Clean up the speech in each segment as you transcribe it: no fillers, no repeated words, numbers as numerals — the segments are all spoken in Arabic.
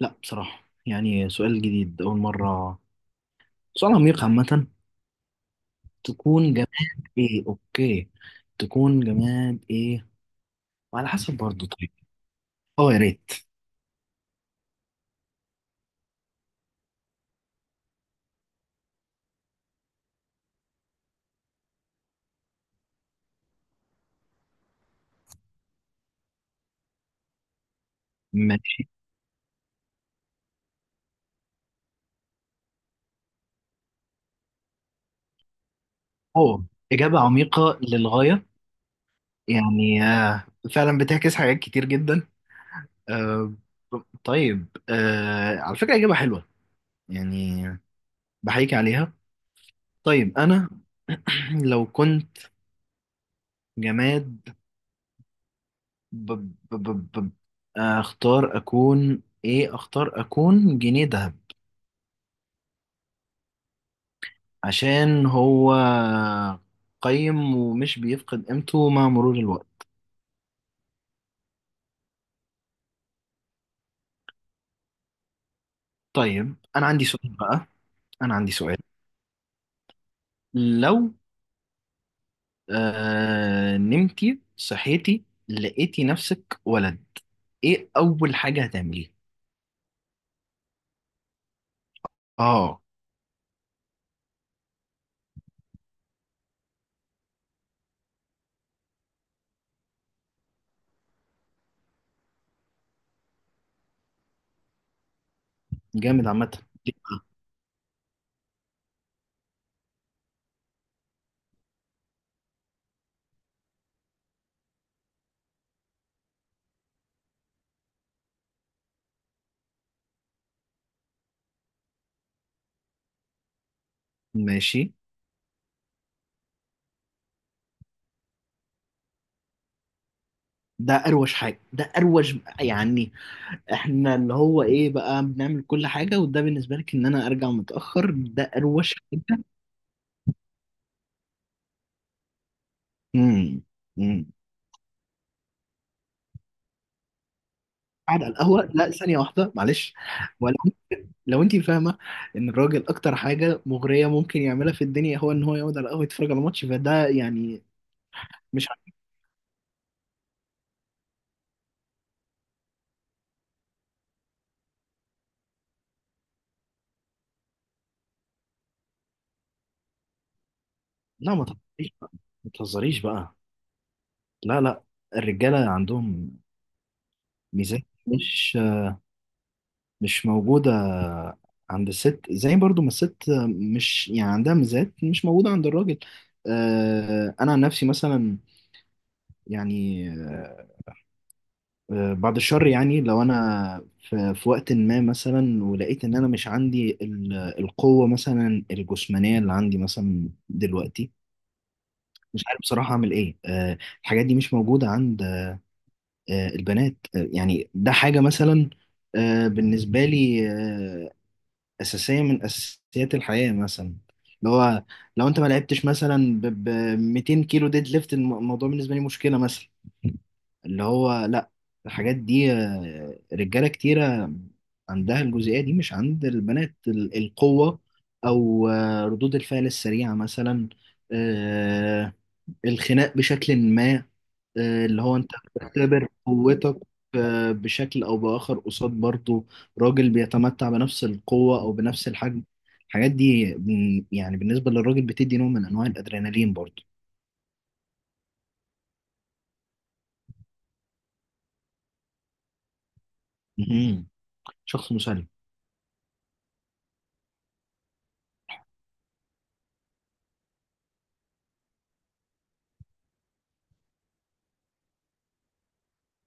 لا، بصراحة يعني سؤال جديد، أول مرة. سؤال عميق عامة. تكون جماد إيه؟ أوكي، تكون جماد إيه؟ وعلى حسب برضه. طيب، أه يا ريت. ماشي، أه إجابة عميقة للغاية. يعني فعلا بتعكس حاجات كتير جدا. آه، طيب على فكرة إجابة حلوة يعني. بحيك عليها. طيب أنا لو كنت جماد، بب بب بب. بب. اختار اكون ايه؟ اختار اكون جنيه ذهب، عشان هو قيم ومش بيفقد قيمته مع مرور الوقت. طيب، انا عندي سؤال بقى. انا عندي سؤال. لو آه نمتي صحيتي لقيتي نفسك ولد، ايه اول حاجة هتعمليها؟ اه، جامد عامة. ماشي، ده اروش حاجة؟ ده اروش يعني؟ احنا اللي هو ايه بقى بنعمل كل حاجة، وده بالنسبة لك ان انا ارجع متأخر ده اروش حاجة؟ امم. امم. قاعد على القهوة؟ لا ثانية واحدة معلش. ولو، لو انت فاهمة ان الراجل اكتر حاجة مغرية ممكن يعملها في الدنيا هو ان هو يقعد على القهوة يتفرج على ماتش، فده يعني مش ع- لا، ما تهزريش بقى. ما تهزريش بقى. لا لا، الرجالة عندهم ميزات مش مش موجودة عند الست، زي برضو ما الست مش يعني عندها ميزات مش موجودة عند الراجل. أنا عن نفسي مثلا، يعني بعد الشر، يعني لو أنا في وقت ما مثلا ولقيت إن أنا مش عندي القوة مثلا الجسمانية اللي عندي مثلا دلوقتي، مش عارف بصراحة أعمل إيه. الحاجات دي مش موجودة عند البنات. يعني ده حاجة مثلا، بالنسبة لي أساسية من أساسيات الحياة مثلا. اللي هو لو أنت ما لعبتش مثلا ب 200 كيلو ديد ليفت، الموضوع بالنسبة لي مشكلة مثلا. اللي هو لأ، الحاجات دي رجالة كتيرة عندها الجزئية دي مش عند البنات. القوة أو ردود الفعل السريعة مثلا، آه، الخناق بشكل ما. اللي هو انت بتختبر قوتك بشكل او باخر، قصاد برضه راجل بيتمتع بنفس القوة او بنفس الحجم. الحاجات دي يعني بالنسبة للراجل بتدي نوع من انواع الادرينالين برضه. مهم. شخص مسالم.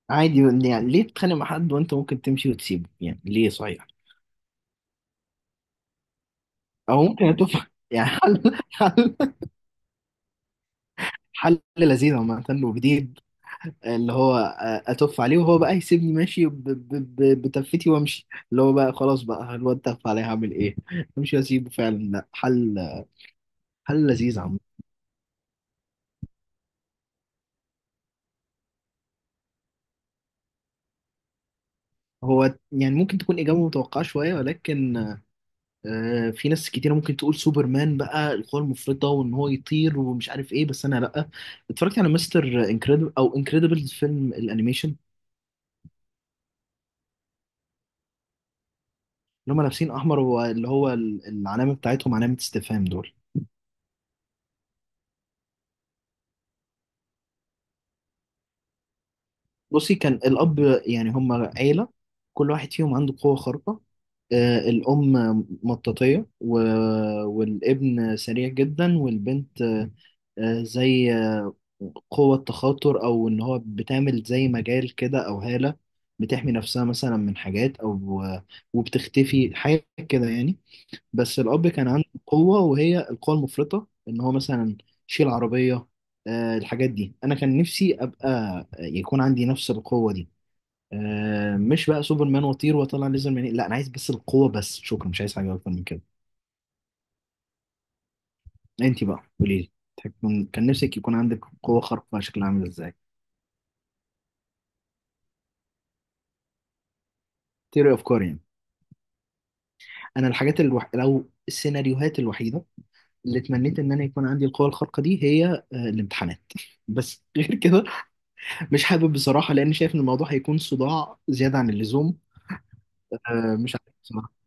عادي، يعني ليه تتخانق مع حد وانت ممكن تمشي وتسيبه؟ يعني ليه؟ صحيح، او ممكن تفهم، يعني حل لذيذ عامة وجديد. اللي هو اتف عليه وهو بقى يسيبني ماشي، بتفتي وامشي، اللي هو بقى خلاص بقى الواد تف عليه هعمل ايه؟ امشي واسيبه فعلا. لا، حل. حل لذيذ عم. هو يعني ممكن تكون اجابه متوقعه شويه ولكن في ناس كتيره ممكن تقول سوبرمان بقى، القوه المفرطه وان هو يطير ومش عارف ايه، بس انا لا. اتفرجت على مستر انكريدبل او انكريدبل، فيلم الانيميشن اللي هم لابسين احمر، واللي هو العلامه بتاعتهم علامه استفهام، دول. بصي، كان الأب، يعني هم عيلة كل واحد فيهم عنده قوة خارقة. الأم مطاطية، و... والابن سريع جدا، والبنت زي قوة تخاطر، أو إن هو بتعمل زي مجال كده أو هالة بتحمي نفسها مثلا من حاجات، أو وبتختفي حاجة كده يعني. بس الأب كان عنده قوة، وهي القوة المفرطة إن هو مثلا يشيل عربية. الحاجات دي أنا كان نفسي أبقى يكون عندي نفس القوة دي. مش بقى سوبرمان وطير واطلع ليزر منين، لا انا عايز بس القوه، بس شكرا، مش عايز حاجه اكتر من كده. انت بقى قولي لي، كان نفسك يكون عندك قوه خارقه شكلها عامل ازاي؟ تيري افكار يعني. انا لو السيناريوهات الوحيده اللي اتمنيت ان انا يكون عندي القوه الخارقه دي هي الامتحانات بس غير كده مش حابب بصراحه، لان شايف ان الموضوع هيكون صداع زياده عن اللزوم. مش عارف بصراحه.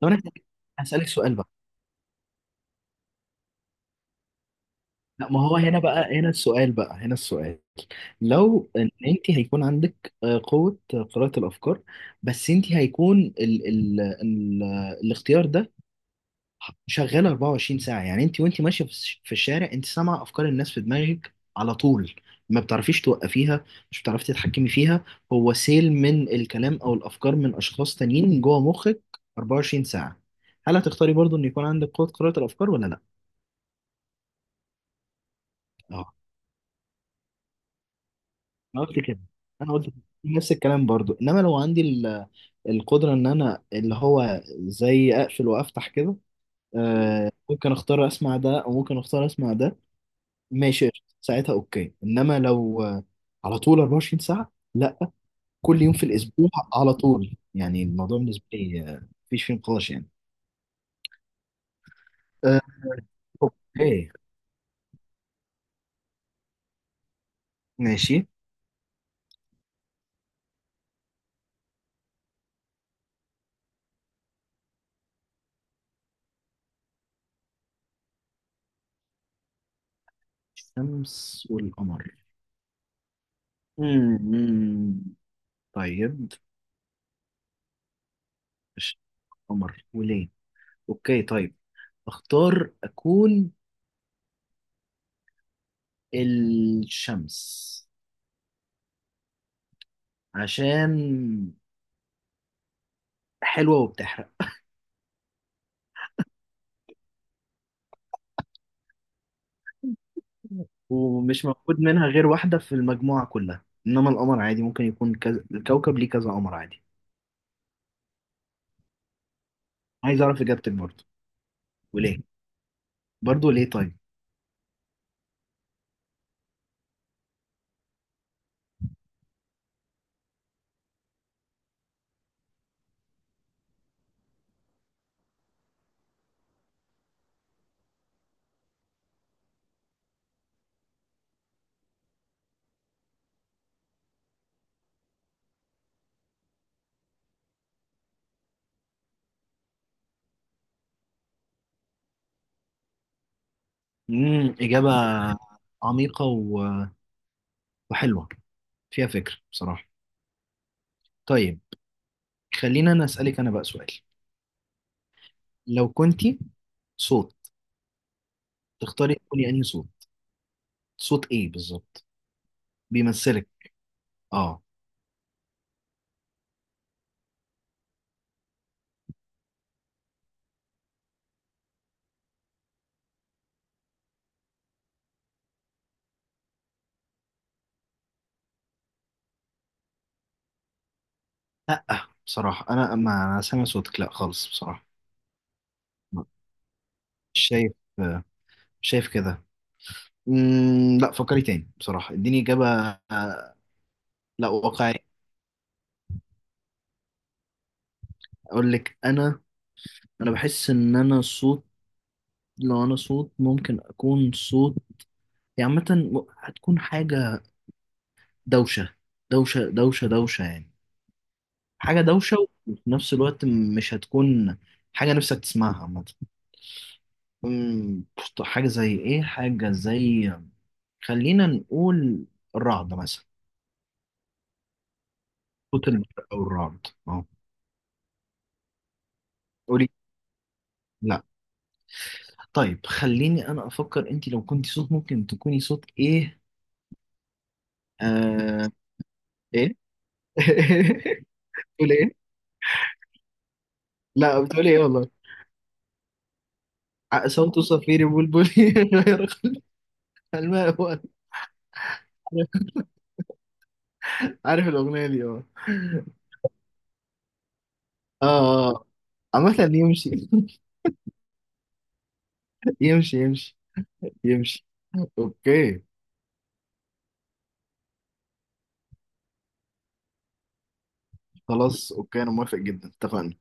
طب انا هسألك سؤال بقى. لا ما هو هنا بقى، هنا السؤال. لو ان انت هيكون عندك قوة قراءة الافكار، بس انت هيكون ال ال ال الاختيار ده شغال 24 ساعة. يعني انت وانت ماشية في الشارع، انت سامعة افكار الناس في دماغك على طول، ما بتعرفيش توقفيها، مش بتعرفي تتحكمي فيها، هو سيل من الكلام او الافكار من اشخاص تانيين جوه مخك 24 ساعة. هل هتختاري برضو ان يكون عندك قوة قراءة الافكار ولا لا؟ آه. انا قلت كده انا قلت كده. نفس الكلام برضو. انما لو عندي القدره ان انا اللي هو زي اقفل وافتح كده، آه ممكن اختار اسمع ده او ممكن اختار اسمع ده، ماشي قشطة. ساعتها اوكي. انما لو على طول 24 ساعه، لا. كل يوم في الاسبوع على طول، يعني الموضوع بالنسبه لي مفيش فيه نقاش يعني. آه. اوكي. ماشي، الشمس والقمر. مم، مم. طيب، الشمس والقمر وليه؟ اوكي طيب. اختار اكون الشمس، عشان حلوة وبتحرق ومش موجود منها غير واحدة في المجموعة كلها، انما القمر عادي، ممكن يكون كذا الكوكب ليه كذا قمر عادي. عايز اعرف اجابتك برضه. وليه؟ برضه ليه طيب؟ امم، اجابة عميقة وحلوة، فيها فكر بصراحة. طيب، خلينا انا اسألك انا بقى سؤال. لو كنتي صوت، تختاري تكوني انهي صوت؟ صوت ايه بالظبط بيمثلك؟ اه، لا بصراحة أنا سامع صوتك لا خالص بصراحة. مش شايف، مش شايف كده. مم، لا فكري تاني بصراحة اديني إجابة. آه، لا واقعية. أقول لك أنا، أنا بحس إن أنا صوت. لو أنا صوت ممكن أكون صوت يعني عامة، هتكون حاجة دوشة. دوشة دوشة دوشة يعني، حاجة دوشة. وفي نفس الوقت مش هتكون حاجة نفسك تسمعها عامة. مم، حاجة زي إيه؟ حاجة زي، خلينا نقول الرعد مثلا. صوت البرق أو الرعد، أه. قولي. لا، طيب خليني أنا أفكر. أنت لو كنت صوت ممكن تكوني صوت إيه؟ آه... إيه؟ بتقول إيه؟ لا، بتقول إيه والله؟ صوت صفير بلبلي غير الماء، هو عارف الأغنية دي؟ أه. آه آه. عامة يمشي. يمشي يمشي يمشي. أوكي. خلاص أوكي. أنا موافق جدا، اتفقنا.